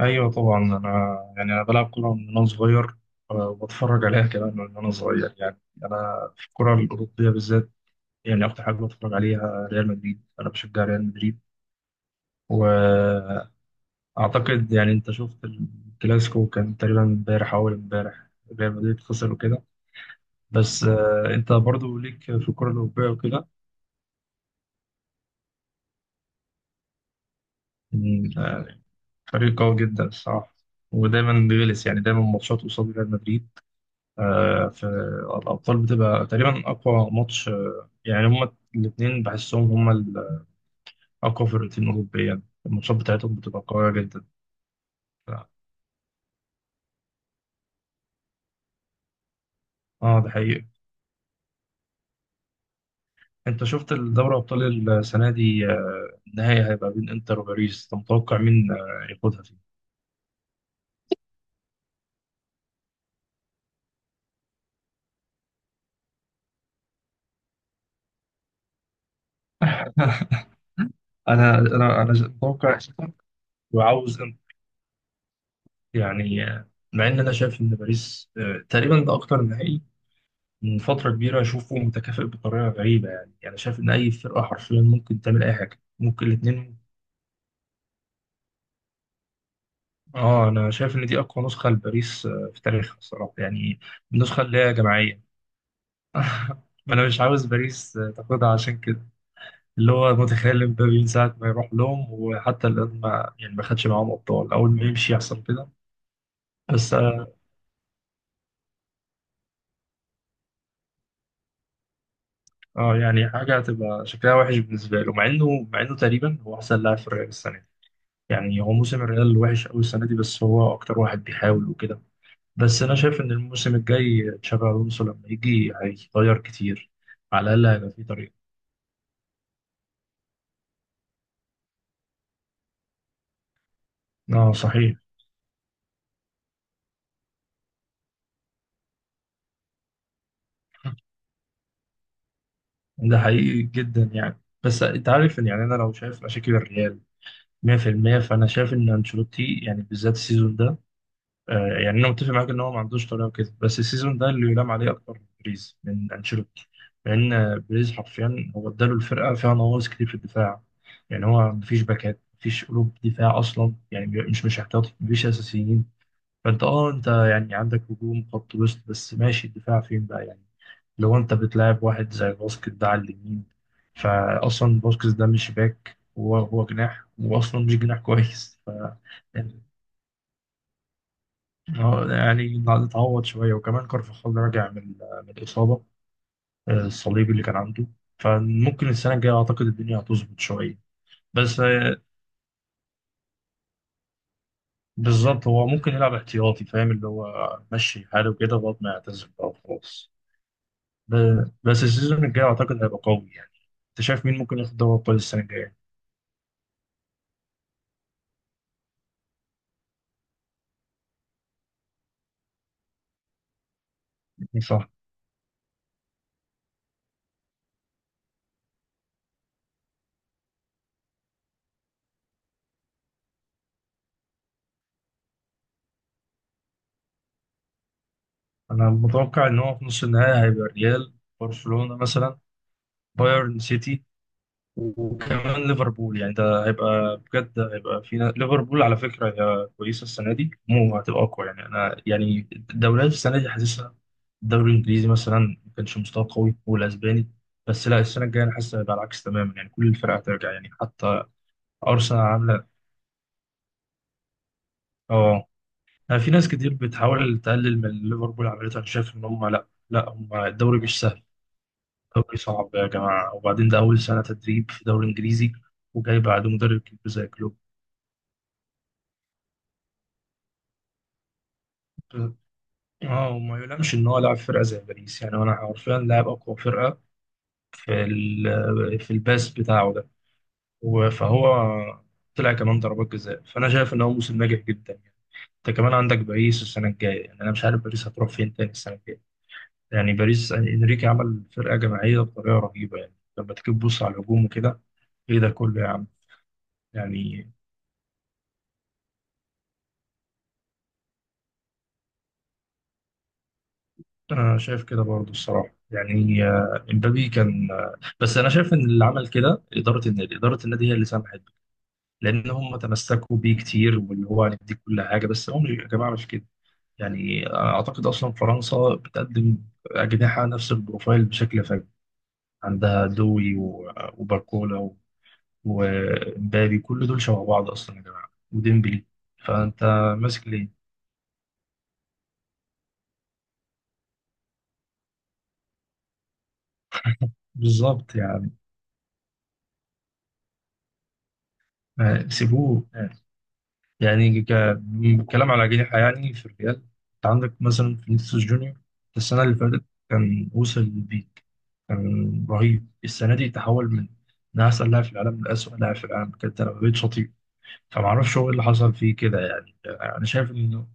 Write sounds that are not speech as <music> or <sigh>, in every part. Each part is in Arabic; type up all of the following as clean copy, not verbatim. ايوه طبعا. انا انا بلعب كوره من وانا صغير. وبتفرج عليها كمان من وانا صغير. يعني انا في الكره الاوروبيه بالذات، يعني اكتر حاجه بتفرج عليها ريال مدريد. انا بشجع ريال مدريد واعتقد، يعني انت شفت الكلاسيكو؟ كان تقريبا امبارح او اول امبارح. ريال مدريد خسر وكده. بس انت برضو ليك في الكره الاوروبيه وكده. يعني، آه، فريق قوي جدا الصراحه، ودايما بيغلس. يعني دايما ماتشات قصاد ريال مدريد. في الأبطال بتبقى تقريبا أقوى ماتش. يعني هما الاتنين بحسهم هما الأقوى فرقتين أوروبيا. الماتشات بتاعتهم بتبقى قوية جدا. اه ده حقيقي. انت شفت الدوري أبطال السنة دي؟ النهائي هيبقى بين انتر وباريس. انت متوقع مين ياخدها فيه؟ <laughs> انا متوقع انتر وعاوز انتر. يعني آه، مع ان انا شايف ان باريس، تقريبا ده اكتر نهائي من فترة كبيرة أشوفه متكافئ بطريقة غريبة. يعني شايف إن أي فرقة حرفيا ممكن تعمل أي حاجة، ممكن الاتنين. آه، أنا شايف إن دي أقوى نسخة لباريس في تاريخها الصراحة، يعني النسخة اللي هي جماعية. <laughs> ما أنا مش عاوز باريس تاخدها عشان كده. اللي هو متخيل مبابي، من ساعة ما يروح لهم وحتى الآن ما خدش معاهم أبطال. أول ما يمشي يحصل كده. بس آه، يعني حاجة هتبقى شكلها وحش بالنسبة له، مع إنه تقريبا هو أحسن لاعب في الريال السنة دي. يعني هو موسم الريال وحش قوي السنه دي، بس هو اكتر واحد بيحاول وكده. بس انا شايف ان الموسم الجاي تشابي الونسو لما يجي هيغير كتير. على الاقل هيبقى في طريقه. اه صحيح. ده حقيقي جدا يعني. بس انت عارف ان، يعني انا لو شايف مشاكل الريال 100%، فانا شايف ان انشيلوتي يعني بالذات السيزون ده. يعني انا متفق معاك ان هو ما عندوش طريقه وكده، بس السيزون ده اللي يلام عليه اكتر بريز من انشيلوتي. لان بريز حرفيا هو اداله. الفرقه فيها نواقص كتير في الدفاع. يعني هو مفيش باكات، مفيش قلوب دفاع اصلا. يعني مش احتياطي، مفيش اساسيين. فانت اه، انت يعني عندك هجوم، خط وسط، بس ماشي. الدفاع فين بقى يعني؟ لو انت بتلاعب واحد زي باسكت ده على اليمين، فاصلا باسكت ده مش باك، هو هو جناح، واصلا مش جناح كويس. <laughs> ف هو يعني اتعوض شوية، وكمان كارفاخال راجع من الإصابة، الصليبي اللي كان عنده. فممكن السنة الجاية أعتقد الدنيا هتظبط شوية. بس آه، بالظبط. هو ممكن يلعب احتياطي، فاهم، اللي هو مشي حاله كده لغاية ما يعتزل بقى وخلاص. بس السيزون الجاي أعتقد هيبقى قوي يعني. أنت شايف مين ممكن ياخد دوري أبطال السنة الجاية؟ صح. أنا متوقع إن هو في نص النهائي هيبقى الريال، برشلونة مثلا، بايرن، سيتي، وكمان ليفربول. يعني ده هيبقى بجد، هيبقى فينا ليفربول على فكرة. هي كويسة السنة دي، مو هتبقى أقوى. يعني أنا يعني الدوريات السنة دي حاسسها، الدوري الإنجليزي مثلا ما كانش مستوى قوي، والأسباني. بس لا، السنة الجاية أنا حاسس هيبقى العكس تماما. يعني كل الفرق هترجع، يعني حتى أرسنال عاملة. أه، أنا في ناس كتير بتحاول تقلل من اللي ليفربول عملته. أنا شايف إن هم لا، هم الدوري مش سهل. الدوري صعب يا جماعة. وبعدين ده أول سنة تدريب في دوري إنجليزي، وجاي بعد مدرب كبير زي كلوب. اه، وما يلامش ان هو لاعب فرقه زي باريس. يعني انا حرفيا لاعب اقوى فرقه في الباس بتاعه ده فهو طلع كمان ضربات جزاء. فانا شايف ان هو موسم ناجح جدا يعني. انت كمان عندك باريس السنه الجايه، يعني انا مش عارف باريس هتروح فين تاني السنه الجايه. يعني باريس يعني انريكي عمل فرقه جماعيه بطريقه رهيبه. يعني لما تيجي تبص على الهجوم وكده، ايه ده كله يا عم؟ يعني انا شايف كده برضه الصراحه يعني. امبابي كان بس انا شايف ان اللي عمل كده اداره النادي. اداره النادي هي اللي سمحت. لان هم تمسكوا بيه كتير، واللي هو هنديك كل حاجه، بس هم يا جماعه مش كده يعني. اعتقد اصلا فرنسا بتقدم اجنحه نفس البروفايل بشكل فج. عندها دوي وباركولا ومبابي، كل دول شبه بعض اصلا يا جماعه، وديمبلي. فانت ماسك ليه؟ بالظبط يعني. سيبوه. يعني كلام على جناح، يعني في الريال انت عندك مثلا فينيسيوس جونيور. السنة اللي فاتت كان وصل للبيك، كان رهيب. السنة دي تحول من أحسن لاعب في العالم لأسوأ لاعب في العالم. كانت أنا بقيت شطيب. فمعرفش هو إيه اللي حصل فيه كده. يعني أنا شايف إنه،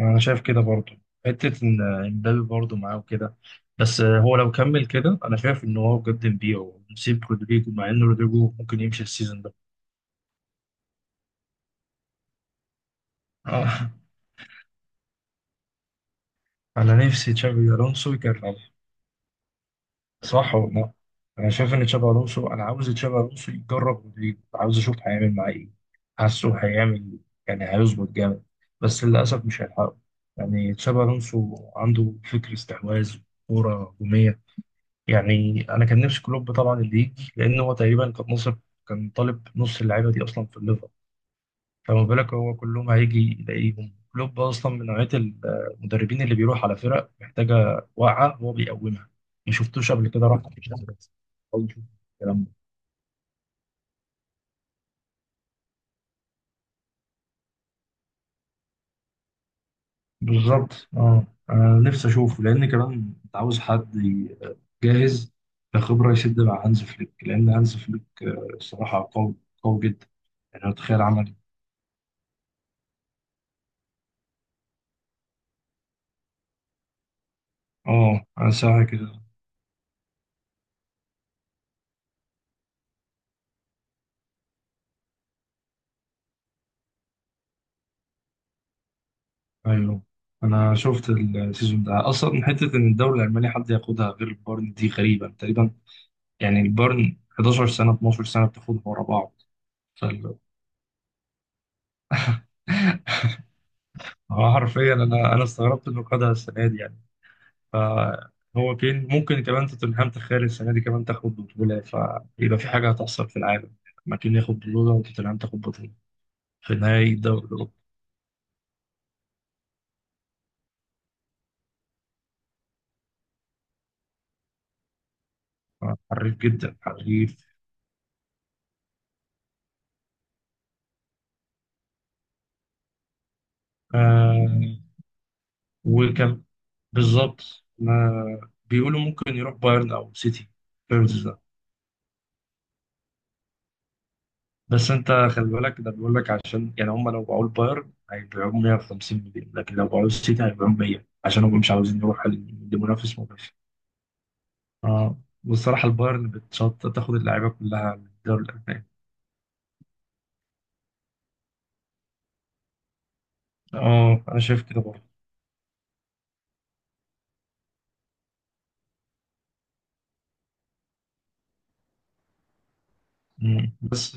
أنا شايف كده برضه، حتة إن إمبابي برضه معاه وكده. بس هو لو كمل كده، أنا شايف إن هو بجد نبيعه ونسيب رودريجو، مع إن رودريجو ممكن يمشي السيزون ده. آه. أنا نفسي تشابي ألونسو يكمل. صح والله. انا شايف ان تشابي الونسو، انا عاوز تشابي الونسو يجرب رودريجو، عاوز اشوف هيعمل معاه ايه. حاسه هيعمل، يعني هيظبط جامد. بس للاسف مش هيلحقه. يعني تشابي الونسو عنده فكر استحواذ، كوره هجوميه. يعني انا كان نفسي كلوب طبعا اللي يجي، لان هو تقريبا كان نصب. كان طالب نص اللعيبه دي اصلا في الليفر. فما بالك هو كلهم هيجي يلاقيهم. كلوب اصلا من نوعيه المدربين اللي بيروح على فرق محتاجه واقعه هو بيقومها. ما شفتوش قبل كده راح، مش بس أول شوف الكلام ده. بالظبط اه. انا نفسي اشوفه، لان كمان انت عاوز حد جاهز كخبره يسد مع هانز فليك. لان هانز فليك الصراحه قوي، قوي جدا. يعني أنا متخيل عمل إيه. اه انا ساعه كده. ايوه، انا شفت السيزون ده اصلا، حته ان الدوري الالماني حد ياخدها غير بايرن دي غريبه تقريبا. يعني البيرن 11 سنة 12 سنة بتاخدهم ورا بعض. فال- <laughs> هو حرفيا انا استغربت انه خدها السنة دي يعني. فهو كين ممكن كمان توتنهام، تخيل السنة دي كمان تاخد بطولة، فيبقى في حاجة هتحصل في العالم. ما كين ياخد بطولة وتوتنهام تاخد بطولة في نهائي الدوري الأوروبي. حريف جدا، حريف. آه وكان، بالظبط. ما بيقولوا ممكن يروح بايرن أو سيتي. بس انت خلي بالك، ده بيقول لك عشان يعني هم لو باعوا البايرن هيبيعوه 150 مليون، لكن لو باعوه السيتي هيبيعوه 100، عشان هم مش عاوزين يروحوا لمنافس مباشر. اه. والصراحه البايرن بتشط تاخد اللعيبه كلها من الدوري الالماني. اه انا شايف كده برضه. بس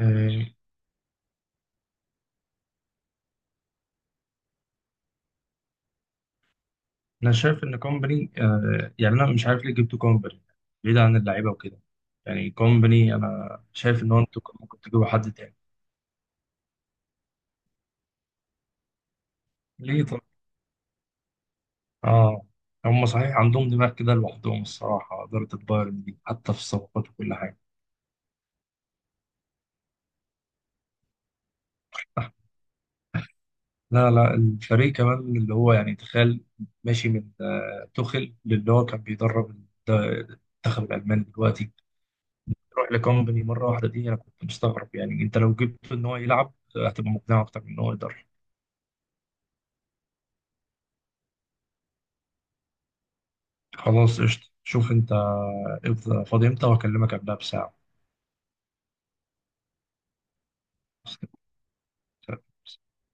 آه، انا شايف ان كومباني، آه، يعني انا مش عارف ليه جبتوا كومباني بعيد عن اللعيبه وكده. يعني كومباني انا شايف ان هو، انتوا كنتوا ممكن تجيبوا حد تاني. ليه؟ اه. هم صحيح عندهم دماغ كده لوحدهم الصراحة، إدارة البايرن دي حتى في الصفقات وكل حاجة. لا لا، الفريق كمان اللي هو يعني تخيل، ماشي من توخيل للي هو كان بيدرب المنتخب الألماني دلوقتي، روح لكومباني مرة واحدة. دي أنا كنت مستغرب. يعني أنت لو جبت إن هو يلعب هتبقى مقنع أكتر من إن هو يدرب. خلاص قشطة. شوف أنت فاضي إمتى وهكلمك قبلها بساعة.